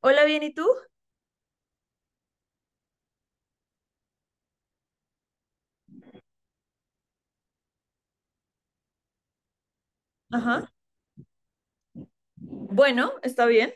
Hola, bien, ¿y tú? Ajá. Bueno, está bien.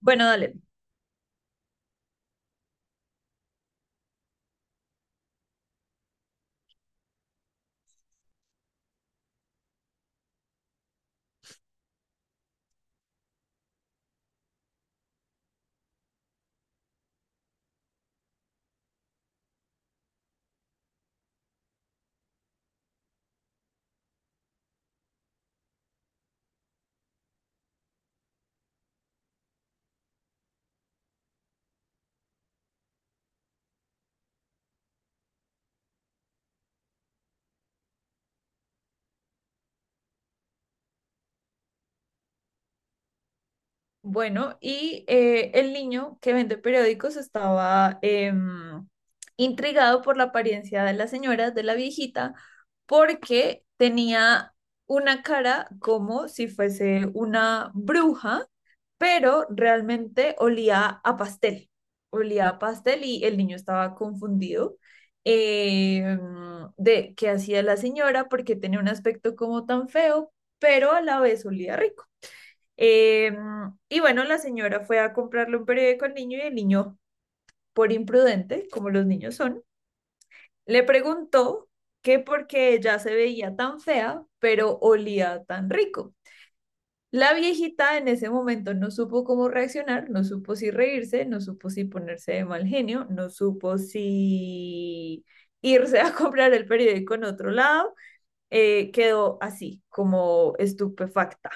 Bueno, dale. Bueno, y el niño que vende periódicos estaba intrigado por la apariencia de la señora, de la viejita, porque tenía una cara como si fuese una bruja, pero realmente olía a pastel. Olía a pastel y el niño estaba confundido em, de qué hacía la señora, porque tenía un aspecto como tan feo, pero a la vez olía rico. Eh, y bueno, la señora fue a comprarle un periódico al niño y el niño, por imprudente, como los niños son, le preguntó que por qué ella se veía tan fea, pero olía tan rico. La viejita en ese momento no supo cómo reaccionar, no supo si reírse, no supo si ponerse de mal genio, no supo si irse a comprar el periódico en otro lado, quedó así, como estupefacta.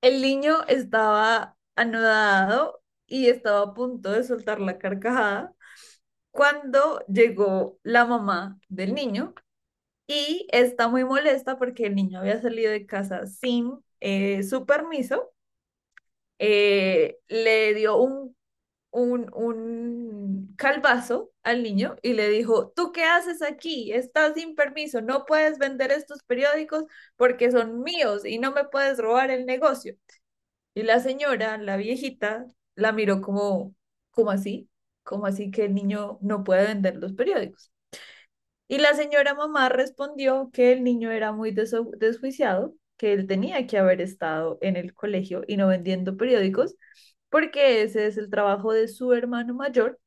El niño estaba anodado y estaba a punto de soltar la carcajada cuando llegó la mamá del niño y está muy molesta porque el niño había salido de casa sin su permiso. Le dio un calvazo al niño y le dijo, ¿tú qué haces aquí? Estás sin permiso, no puedes vender estos periódicos porque son míos y no me puedes robar el negocio. Y la señora, la viejita, la miró como, como así, como así que el niño no puede vender los periódicos. Y la señora mamá respondió que el niño era muy desjuiciado, que él tenía que haber estado en el colegio y no vendiendo periódicos, porque ese es el trabajo de su hermano mayor.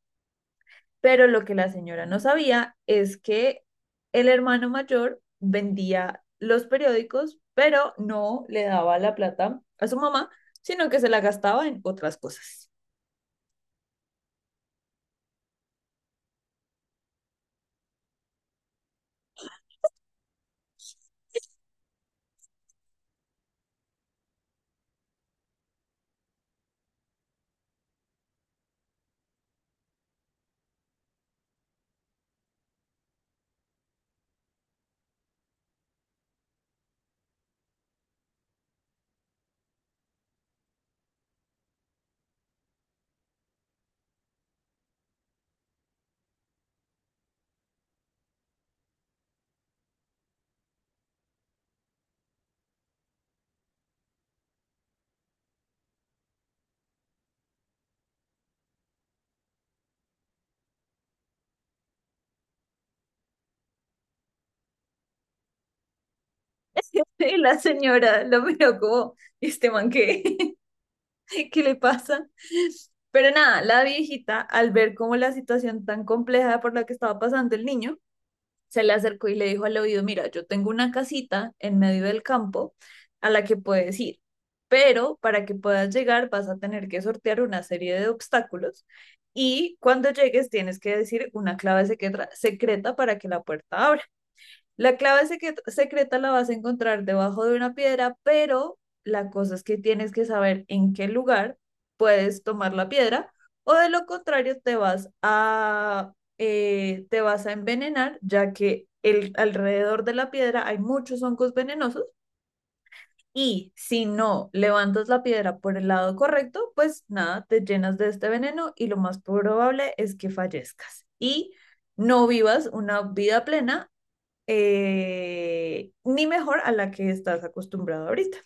Pero lo que la señora no sabía es que el hermano mayor vendía los periódicos, pero no le daba la plata a su mamá, sino que se la gastaba en otras cosas. Y la señora lo miró como, este man, ¿qué? ¿Qué le pasa? Pero nada, la viejita, al ver como la situación tan compleja por la que estaba pasando el niño, se le acercó y le dijo al oído, mira, yo tengo una casita en medio del campo a la que puedes ir, pero para que puedas llegar vas a tener que sortear una serie de obstáculos, y cuando llegues tienes que decir una clave secreta, secreta para que la puerta abra. La clave secreta la vas a encontrar debajo de una piedra, pero la cosa es que tienes que saber en qué lugar puedes tomar la piedra o de lo contrario te te vas a envenenar, ya que el, alrededor de la piedra hay muchos hongos venenosos, y si no levantas la piedra por el lado correcto, pues nada, te llenas de este veneno y lo más probable es que fallezcas. Y no vivas una vida plena, ni mejor a la que estás acostumbrado ahorita.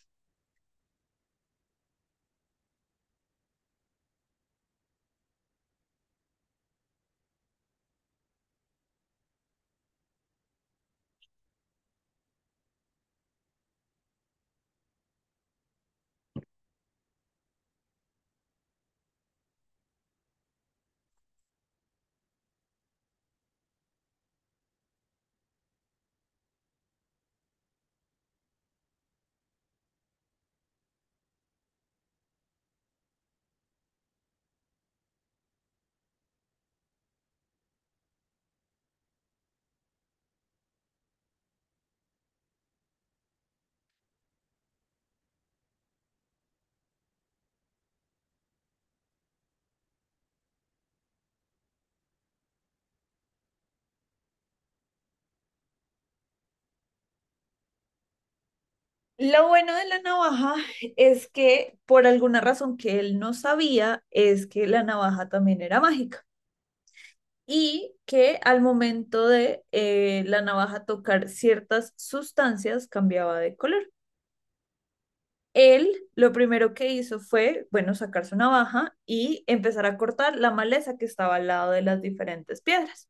Lo bueno de la navaja es que por alguna razón que él no sabía es que la navaja también era mágica y que al momento de la navaja tocar ciertas sustancias cambiaba de color. Él lo primero que hizo fue, bueno, sacar su navaja y empezar a cortar la maleza que estaba al lado de las diferentes piedras.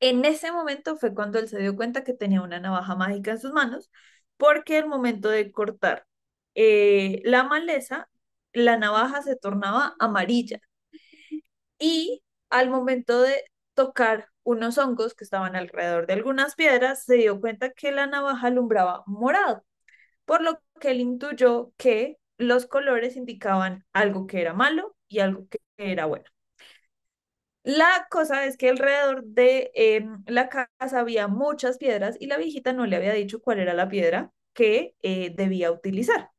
En ese momento fue cuando él se dio cuenta que tenía una navaja mágica en sus manos, porque al momento de cortar la maleza, la navaja se tornaba amarilla, y al momento de tocar unos hongos que estaban alrededor de algunas piedras, se dio cuenta que la navaja alumbraba morado, por lo que él intuyó que los colores indicaban algo que era malo y algo que era bueno. La cosa es que alrededor de la casa había muchas piedras y la viejita no le había dicho cuál era la piedra que debía utilizar,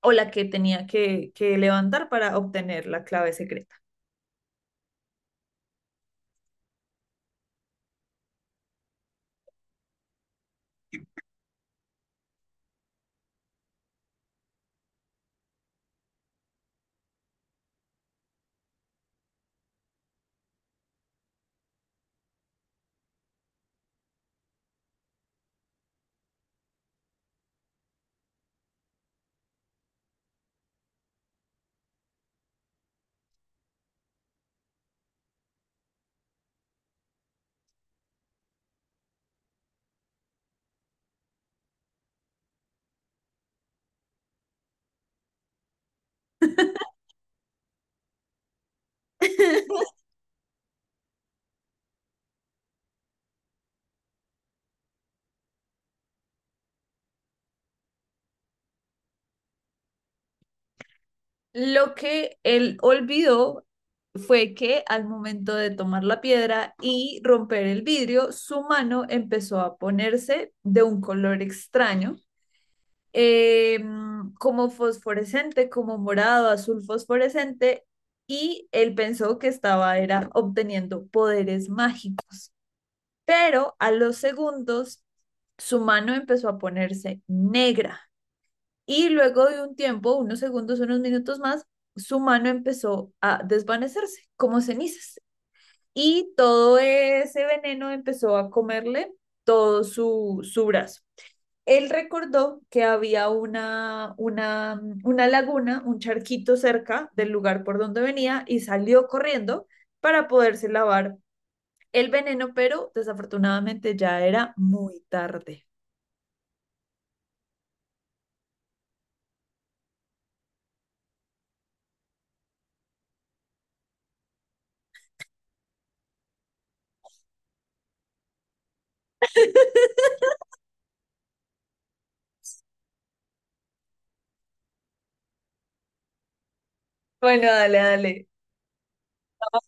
o la que tenía que levantar para obtener la clave secreta. Lo que él olvidó fue que al momento de tomar la piedra y romper el vidrio, su mano empezó a ponerse de un color extraño, eh, como fosforescente, como morado, azul fosforescente, y él pensó que estaba era obteniendo poderes mágicos. Pero a los segundos su mano empezó a ponerse negra y luego de un tiempo, unos segundos, unos minutos más, su mano empezó a desvanecerse como cenizas y todo ese veneno empezó a comerle todo su brazo. Él recordó que había una laguna, un charquito cerca del lugar por donde venía y salió corriendo para poderse lavar el veneno, pero desafortunadamente ya era muy tarde. Bueno, dale, dale. No,